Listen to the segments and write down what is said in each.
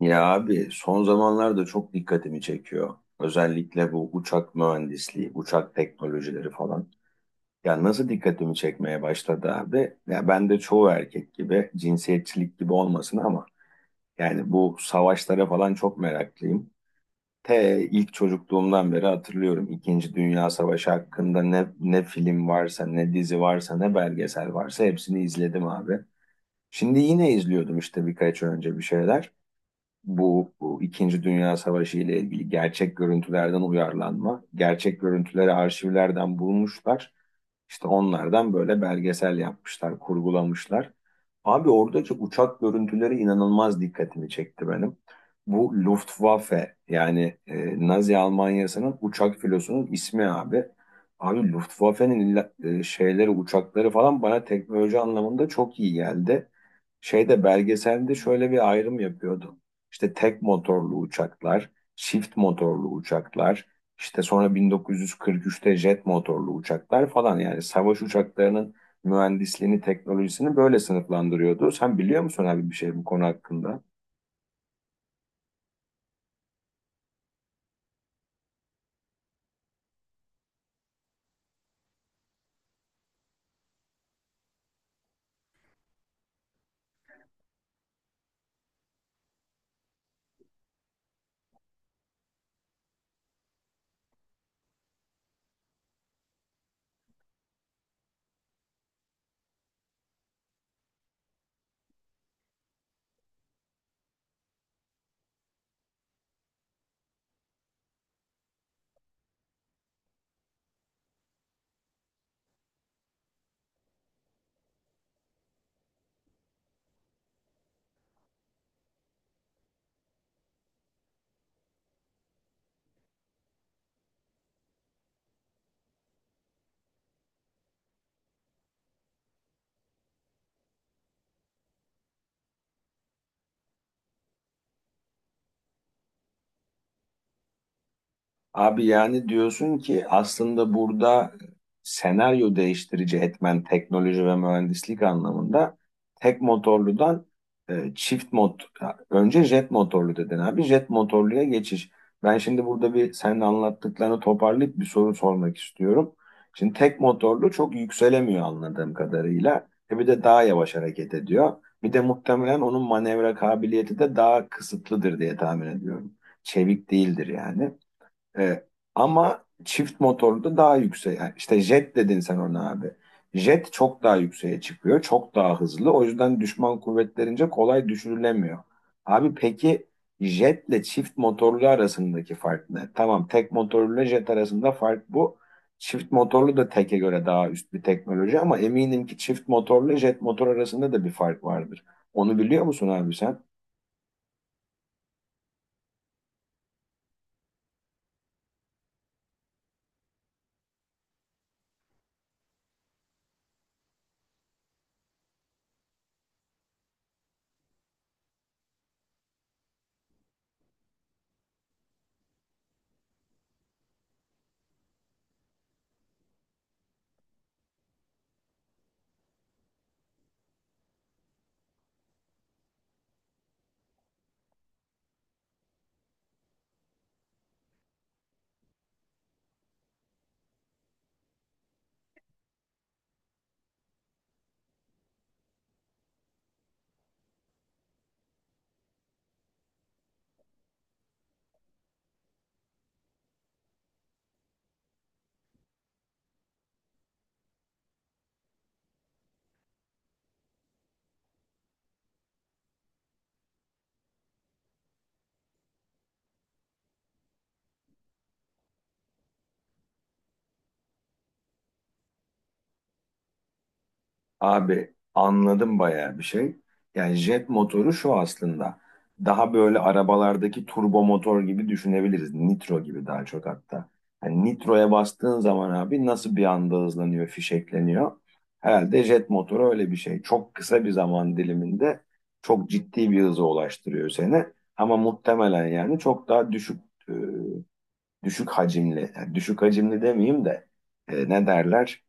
Ya abi son zamanlarda çok dikkatimi çekiyor. Özellikle bu uçak mühendisliği, uçak teknolojileri falan. Ya nasıl dikkatimi çekmeye başladı abi? Ya ben de çoğu erkek gibi cinsiyetçilik gibi olmasın ama yani bu savaşlara falan çok meraklıyım. T ilk çocukluğumdan beri hatırlıyorum. İkinci Dünya Savaşı hakkında ne film varsa, ne dizi varsa, ne belgesel varsa hepsini izledim abi. Şimdi yine izliyordum işte birkaç önce bir şeyler bu İkinci Dünya Savaşı ile ilgili gerçek görüntülerden uyarlanma. Gerçek görüntüleri arşivlerden bulmuşlar. İşte onlardan böyle belgesel yapmışlar, kurgulamışlar. Abi oradaki uçak görüntüleri inanılmaz dikkatimi çekti benim. Bu Luftwaffe yani Nazi Almanya'sının uçak filosunun ismi abi. Abi Luftwaffe'nin illa- şeyleri uçakları falan bana teknoloji anlamında çok iyi geldi. Şeyde belgeselde şöyle bir ayrım yapıyordu. İşte tek motorlu uçaklar, çift motorlu uçaklar, işte sonra 1943'te jet motorlu uçaklar falan yani savaş uçaklarının mühendisliğini, teknolojisini böyle sınıflandırıyordu. Sen biliyor musun abi bir şey bu konu hakkında? Abi yani diyorsun ki aslında burada senaryo değiştirici etmen teknoloji ve mühendislik anlamında tek motorludan e, çift mot önce jet motorlu dedin abi, jet motorluya geçiş. Ben şimdi burada bir senin anlattıklarını toparlayıp bir soru sormak istiyorum. Şimdi tek motorlu çok yükselemiyor anladığım kadarıyla. E bir de daha yavaş hareket ediyor. Bir de muhtemelen onun manevra kabiliyeti de daha kısıtlıdır diye tahmin ediyorum. Çevik değildir yani. Evet. Ama çift motorlu da daha yüksek. Yani İşte jet dedin sen ona abi. Jet çok daha yükseğe çıkıyor. Çok daha hızlı. O yüzden düşman kuvvetlerince kolay düşürülemiyor. Abi peki jetle çift motorlu arasındaki fark ne? Tamam, tek motorlu jet arasında fark bu. Çift motorlu da teke göre daha üst bir teknoloji ama eminim ki çift motorlu jet motor arasında da bir fark vardır. Onu biliyor musun abi sen? Abi anladım bayağı bir şey. Yani jet motoru şu aslında. Daha böyle arabalardaki turbo motor gibi düşünebiliriz. Nitro gibi daha çok hatta. Yani nitroya bastığın zaman abi nasıl bir anda hızlanıyor, fişekleniyor. Herhalde jet motoru öyle bir şey. Çok kısa bir zaman diliminde çok ciddi bir hıza ulaştırıyor seni. Ama muhtemelen yani çok daha düşük e, düşük hacimli. Yani düşük hacimli demeyeyim de ne derler?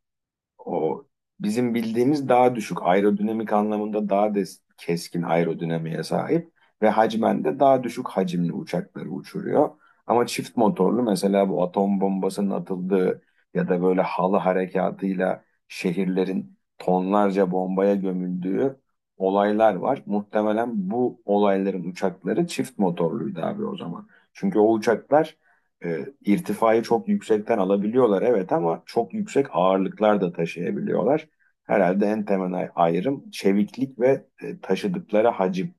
O bizim bildiğimiz daha düşük aerodinamik anlamında keskin aerodinamiğe sahip ve hacmen de daha düşük hacimli uçakları uçuruyor. Ama çift motorlu mesela bu atom bombasının atıldığı ya da böyle halı harekatıyla şehirlerin tonlarca bombaya gömüldüğü olaylar var. Muhtemelen bu olayların uçakları çift motorluydu abi o zaman. Çünkü o uçaklar irtifayı çok yüksekten alabiliyorlar, evet, ama çok yüksek ağırlıklar da taşıyabiliyorlar. Herhalde en temel ayrım çeviklik ve taşıdıkları hacim.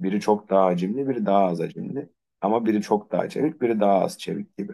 Biri çok daha hacimli, biri daha az hacimli. Ama biri çok daha çevik, biri daha az çevik gibi.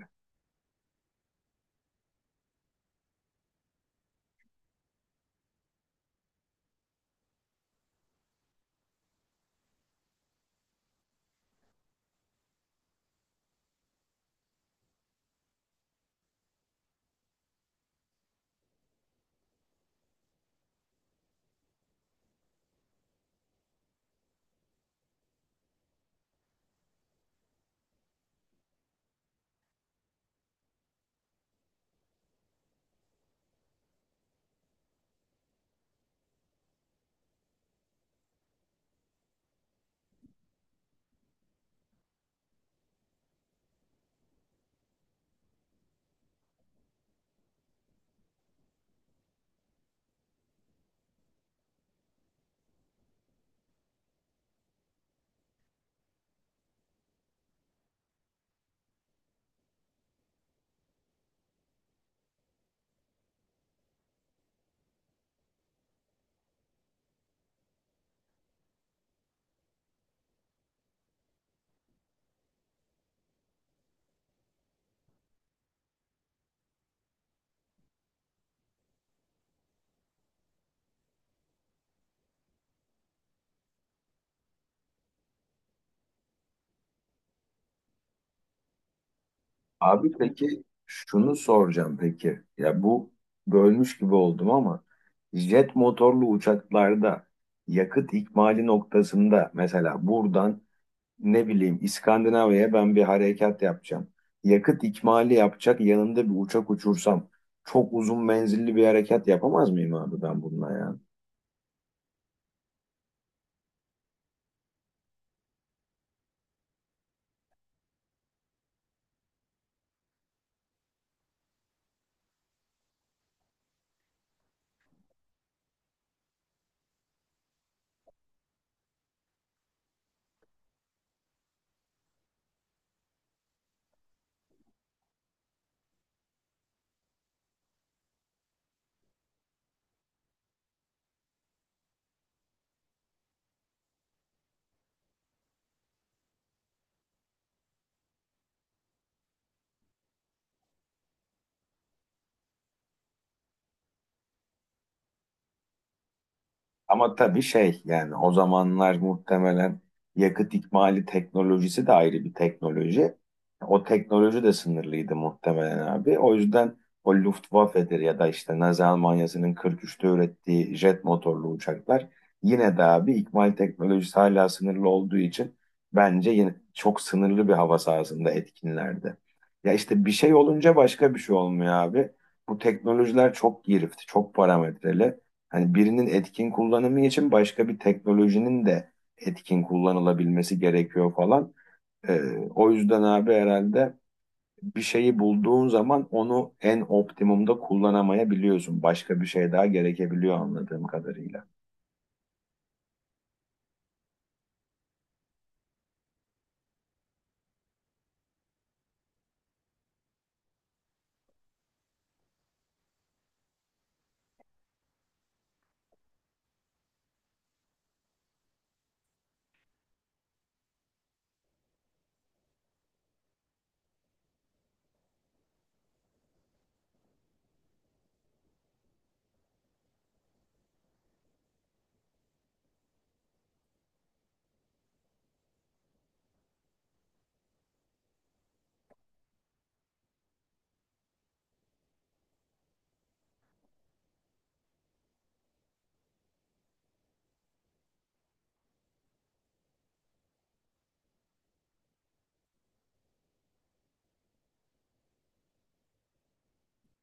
Abi peki şunu soracağım peki. Ya bu bölmüş gibi oldum ama jet motorlu uçaklarda yakıt ikmali noktasında mesela buradan ne bileyim İskandinavya'ya ben bir harekat yapacağım. Yakıt ikmali yapacak yanında bir uçak uçursam çok uzun menzilli bir harekat yapamaz mıyım abi ben bununla yani? Ama tabii şey yani o zamanlar muhtemelen yakıt ikmali teknolojisi de ayrı bir teknoloji. O teknoloji de sınırlıydı muhtemelen abi. O yüzden o Luftwaffe'dir ya da işte Nazi Almanya'sının 43'te ürettiği jet motorlu uçaklar yine de abi ikmal teknolojisi hala sınırlı olduğu için bence yine çok sınırlı bir hava sahasında etkinlerdi. Ya işte bir şey olunca başka bir şey olmuyor abi. Bu teknolojiler çok girift, çok parametreli. Hani birinin etkin kullanımı için başka bir teknolojinin de etkin kullanılabilmesi gerekiyor falan. Ee, O yüzden abi herhalde bir şeyi bulduğun zaman onu en optimumda kullanamayabiliyorsun. Başka bir şey daha gerekebiliyor anladığım kadarıyla.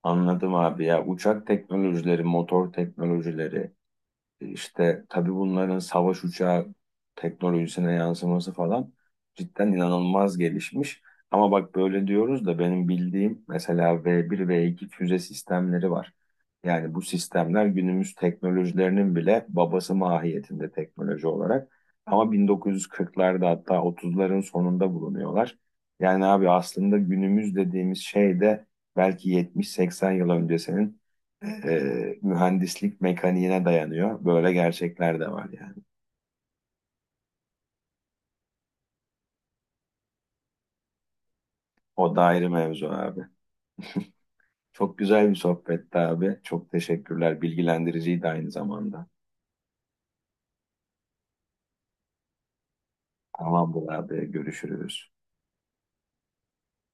Anladım abi, ya uçak teknolojileri, motor teknolojileri, İşte tabii bunların savaş uçağı teknolojisine yansıması falan cidden inanılmaz gelişmiş. Ama bak böyle diyoruz da benim bildiğim mesela V1, V2 füze sistemleri var. Yani bu sistemler günümüz teknolojilerinin bile babası mahiyetinde teknoloji olarak. Ama 1940'larda hatta 30'ların sonunda bulunuyorlar. Yani abi aslında günümüz dediğimiz şey de belki 70-80 yıl öncesinin mühendislik mekaniğine dayanıyor. Böyle gerçekler de var yani. O da ayrı mevzu abi. Çok güzel bir sohbetti abi. Çok teşekkürler. Bilgilendiriciydi aynı zamanda. Tamamdır abi. Görüşürüz.